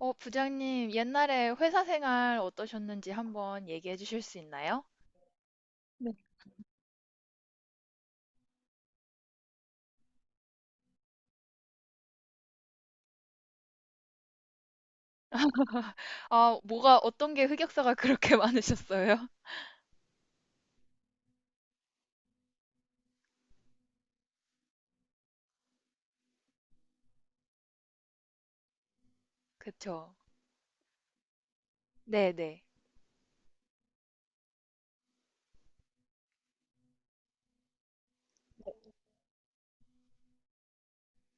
부장님, 옛날에 회사 생활 어떠셨는지 한번 얘기해 주실 수 있나요? 네. 뭐가, 어떤 게 흑역사가 그렇게 많으셨어요? 그쵸. 네네.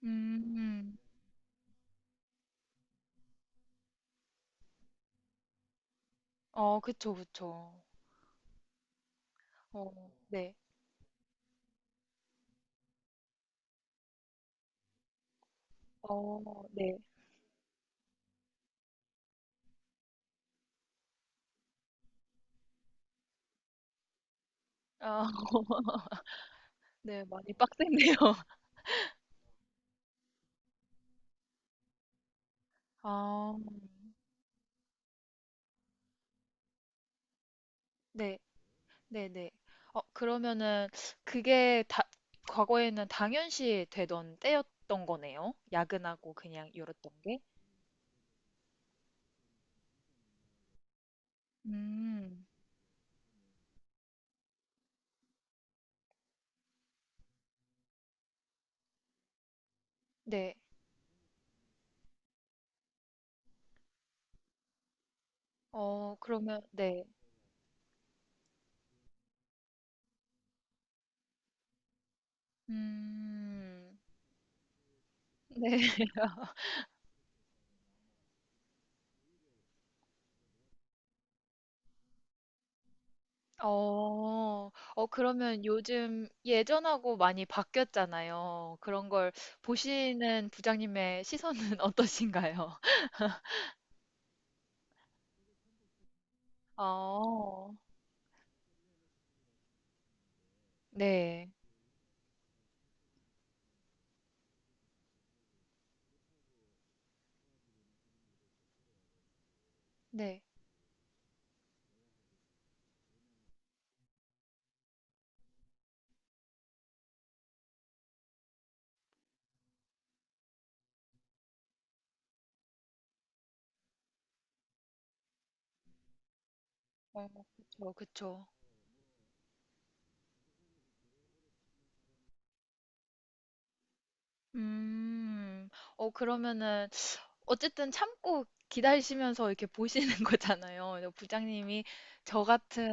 음. 어, 그쵸, 그쵸. 어, 네. 어, 네. 아, 네, 많이 빡셌네요. 아, 네, 네네. 어, 그러면은, 그게 다, 과거에는 당연시 되던 때였던 거네요? 야근하고 그냥 이랬던 게? 음, 네. 어, 그러면, 네. 음, 네. 어. 어, 그러면 요즘 예전하고 많이 바뀌었잖아요. 그런 걸 보시는 부장님의 시선은 어떠신가요? 어, 네. 네. 어, 그쵸, 그쵸. 음. 어, 그러면은, 어쨌든 참고 기다리시면서 이렇게 보시는 거잖아요. 그래서 부장님이 저 같은,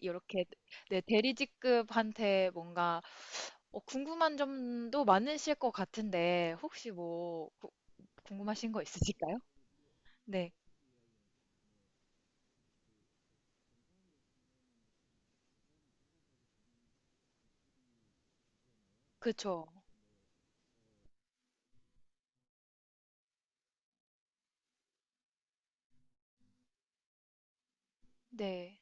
이렇게, 네, 대리직급한테 뭔가 궁금한 점도 많으실 것 같은데, 혹시 궁금하신 거 있으실까요? 네, 그쵸. 네.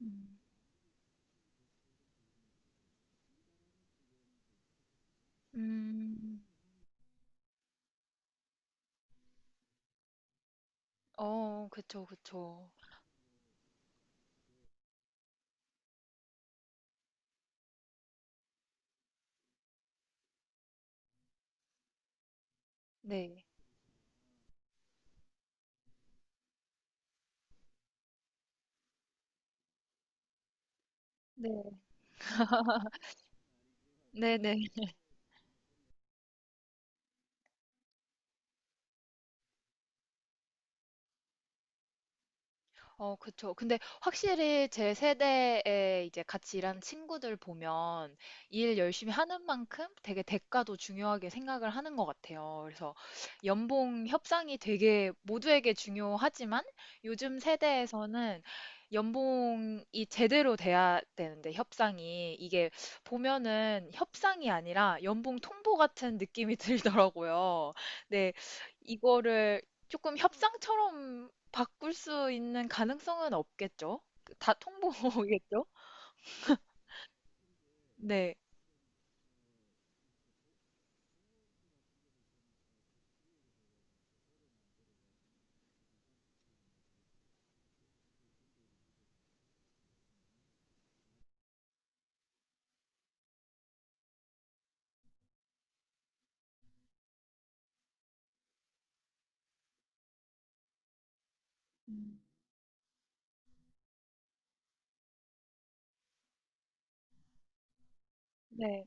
음, 음. 어, 그쵸, 그쵸. 네, 네, 네네. 어, 그쵸. 근데 확실히 제 세대에 이제 같이 일하는 친구들 보면 일 열심히 하는 만큼 되게 대가도 중요하게 생각을 하는 것 같아요. 그래서 연봉 협상이 되게 모두에게 중요하지만 요즘 세대에서는 연봉이 제대로 돼야 되는데 협상이 이게 보면은 협상이 아니라 연봉 통보 같은 느낌이 들더라고요. 네, 이거를 조금 협상처럼 바꿀 수 있는 가능성은 없겠죠? 그 다 통보겠죠? 네. 음, 네.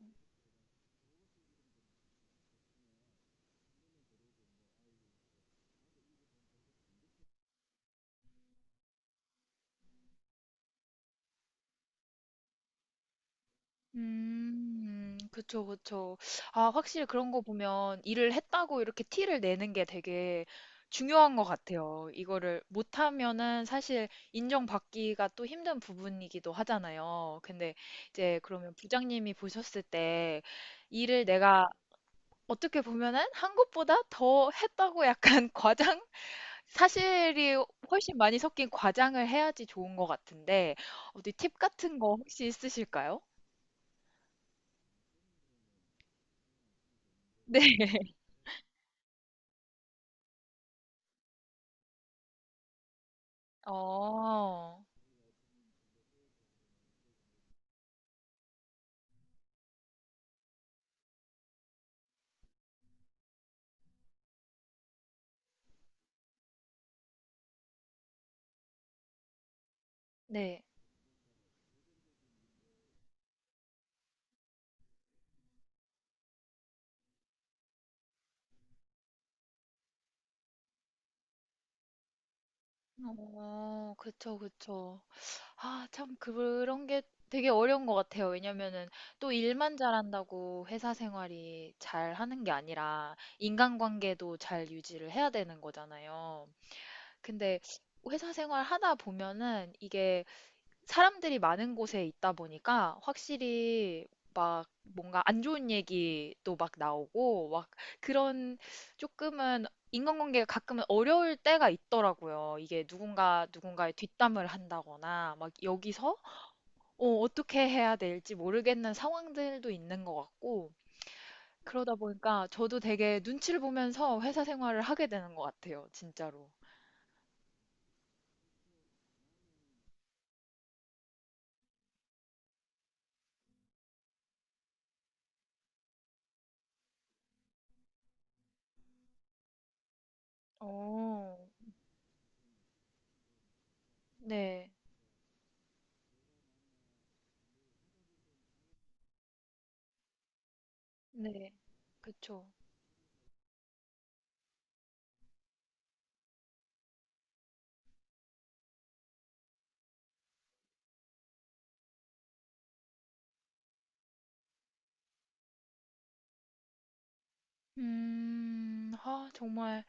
그쵸, 그쵸. 아, 확실히 그런 거 보면 일을 했다고 이렇게 티를 내는 게 되게 중요한 것 같아요. 이거를 못하면은 사실 인정받기가 또 힘든 부분이기도 하잖아요. 근데 이제 그러면 부장님이 보셨을 때 일을 내가 어떻게 보면은 한 것보다 더 했다고 약간 과장? 사실이 훨씬 많이 섞인 과장을 해야지 좋은 것 같은데 어디 팁 같은 거 혹시 있으실까요? 네. 어. 네. 어. 그쵸, 그쵸. 아 참 그런 게 되게 어려운 것 같아요. 왜냐면은 또 일만 잘한다고 회사 생활이 잘하는 게 아니라 인간관계도 잘 유지를 해야 되는 거잖아요. 근데 회사 생활 하다 보면은 이게 사람들이 많은 곳에 있다 보니까 확실히 막 뭔가 안 좋은 얘기도 막 나오고 막 그런 조금은 인간관계가 가끔은 어려울 때가 있더라고요. 이게 누군가의 뒷담을 한다거나 막 여기서 어, 떻게 해야 될지 모르겠는 상황들도 있는 것 같고 그러다 보니까 저도 되게 눈치를 보면서 회사 생활을 하게 되는 것 같아요. 진짜로. 어, 네, 네, 그쵸. 아, 정말.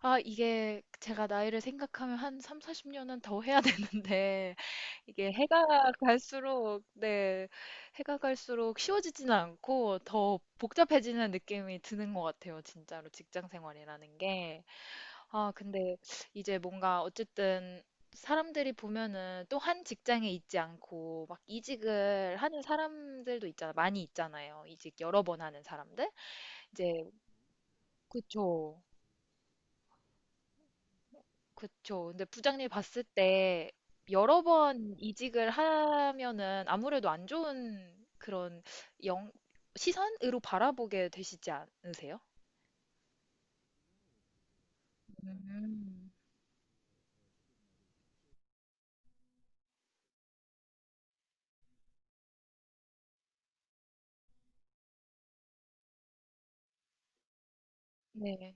아, 이게 제가 나이를 생각하면 한 3, 40년은 더 해야 되는데, 이게 해가 갈수록, 네, 해가 갈수록 쉬워지지는 않고 더 복잡해지는 느낌이 드는 것 같아요, 진짜로. 직장 생활이라는 게. 아, 근데 이제 뭔가 어쨌든 사람들이 보면은 또 한 직장에 있지 않고 막 이직을 하는 사람들도 있잖아, 많이 있잖아요. 이직 여러 번 하는 사람들? 이제, 그쵸. 그쵸. 근데 부장님이 봤을 때 여러 번 이직을 하면은 아무래도 안 좋은 그런 영, 시선으로 바라보게 되시지 않으세요? 음. 네.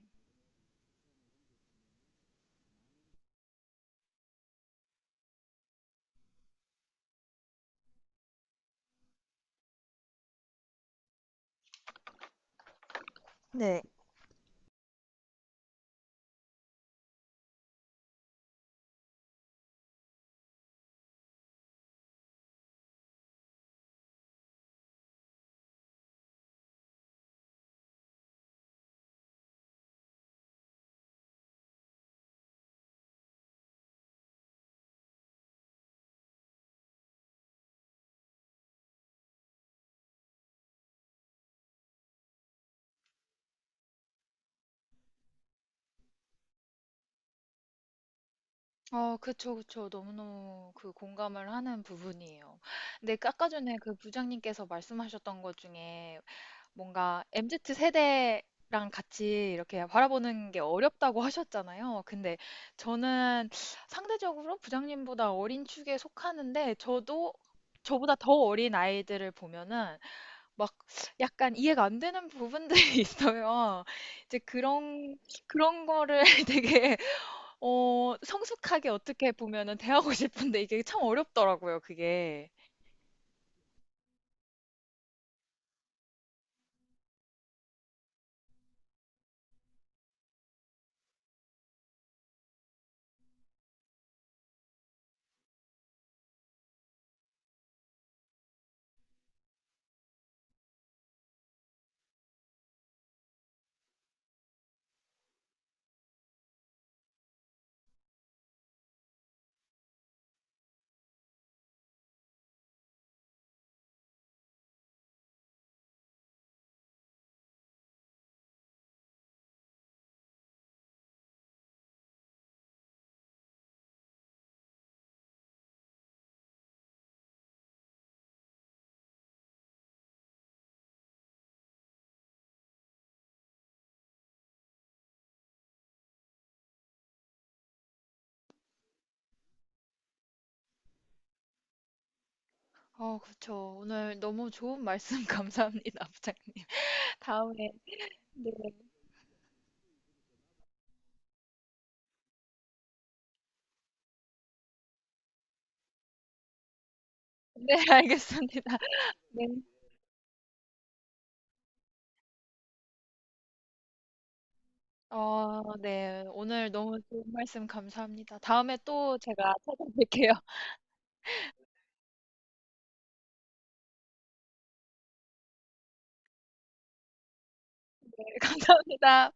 어, 그쵸, 그쵸. 너무너무 그 공감을 하는 부분이에요. 근데 아까 전에 그 부장님께서 말씀하셨던 것 중에 뭔가 MZ 세대랑 같이 이렇게 바라보는 게 어렵다고 하셨잖아요. 근데 저는 상대적으로 부장님보다 어린 축에 속하는데 저도 저보다 더 어린 아이들을 보면은 막 약간 이해가 안 되는 부분들이 있어요. 이제 그런 거를 되게 어 성숙하게 어떻게 보면은 대하고 싶은데 이게 참 어렵더라고요, 그게. 어, 그쵸. 오늘 너무 좋은 말씀 감사합니다, 부장님. 다음에 네. 네, 알겠습니다. 네. 어, 네. 오늘 너무 좋은 말씀 감사합니다. 다음에 또 제가 찾아뵐게요. 네, 감사합니다.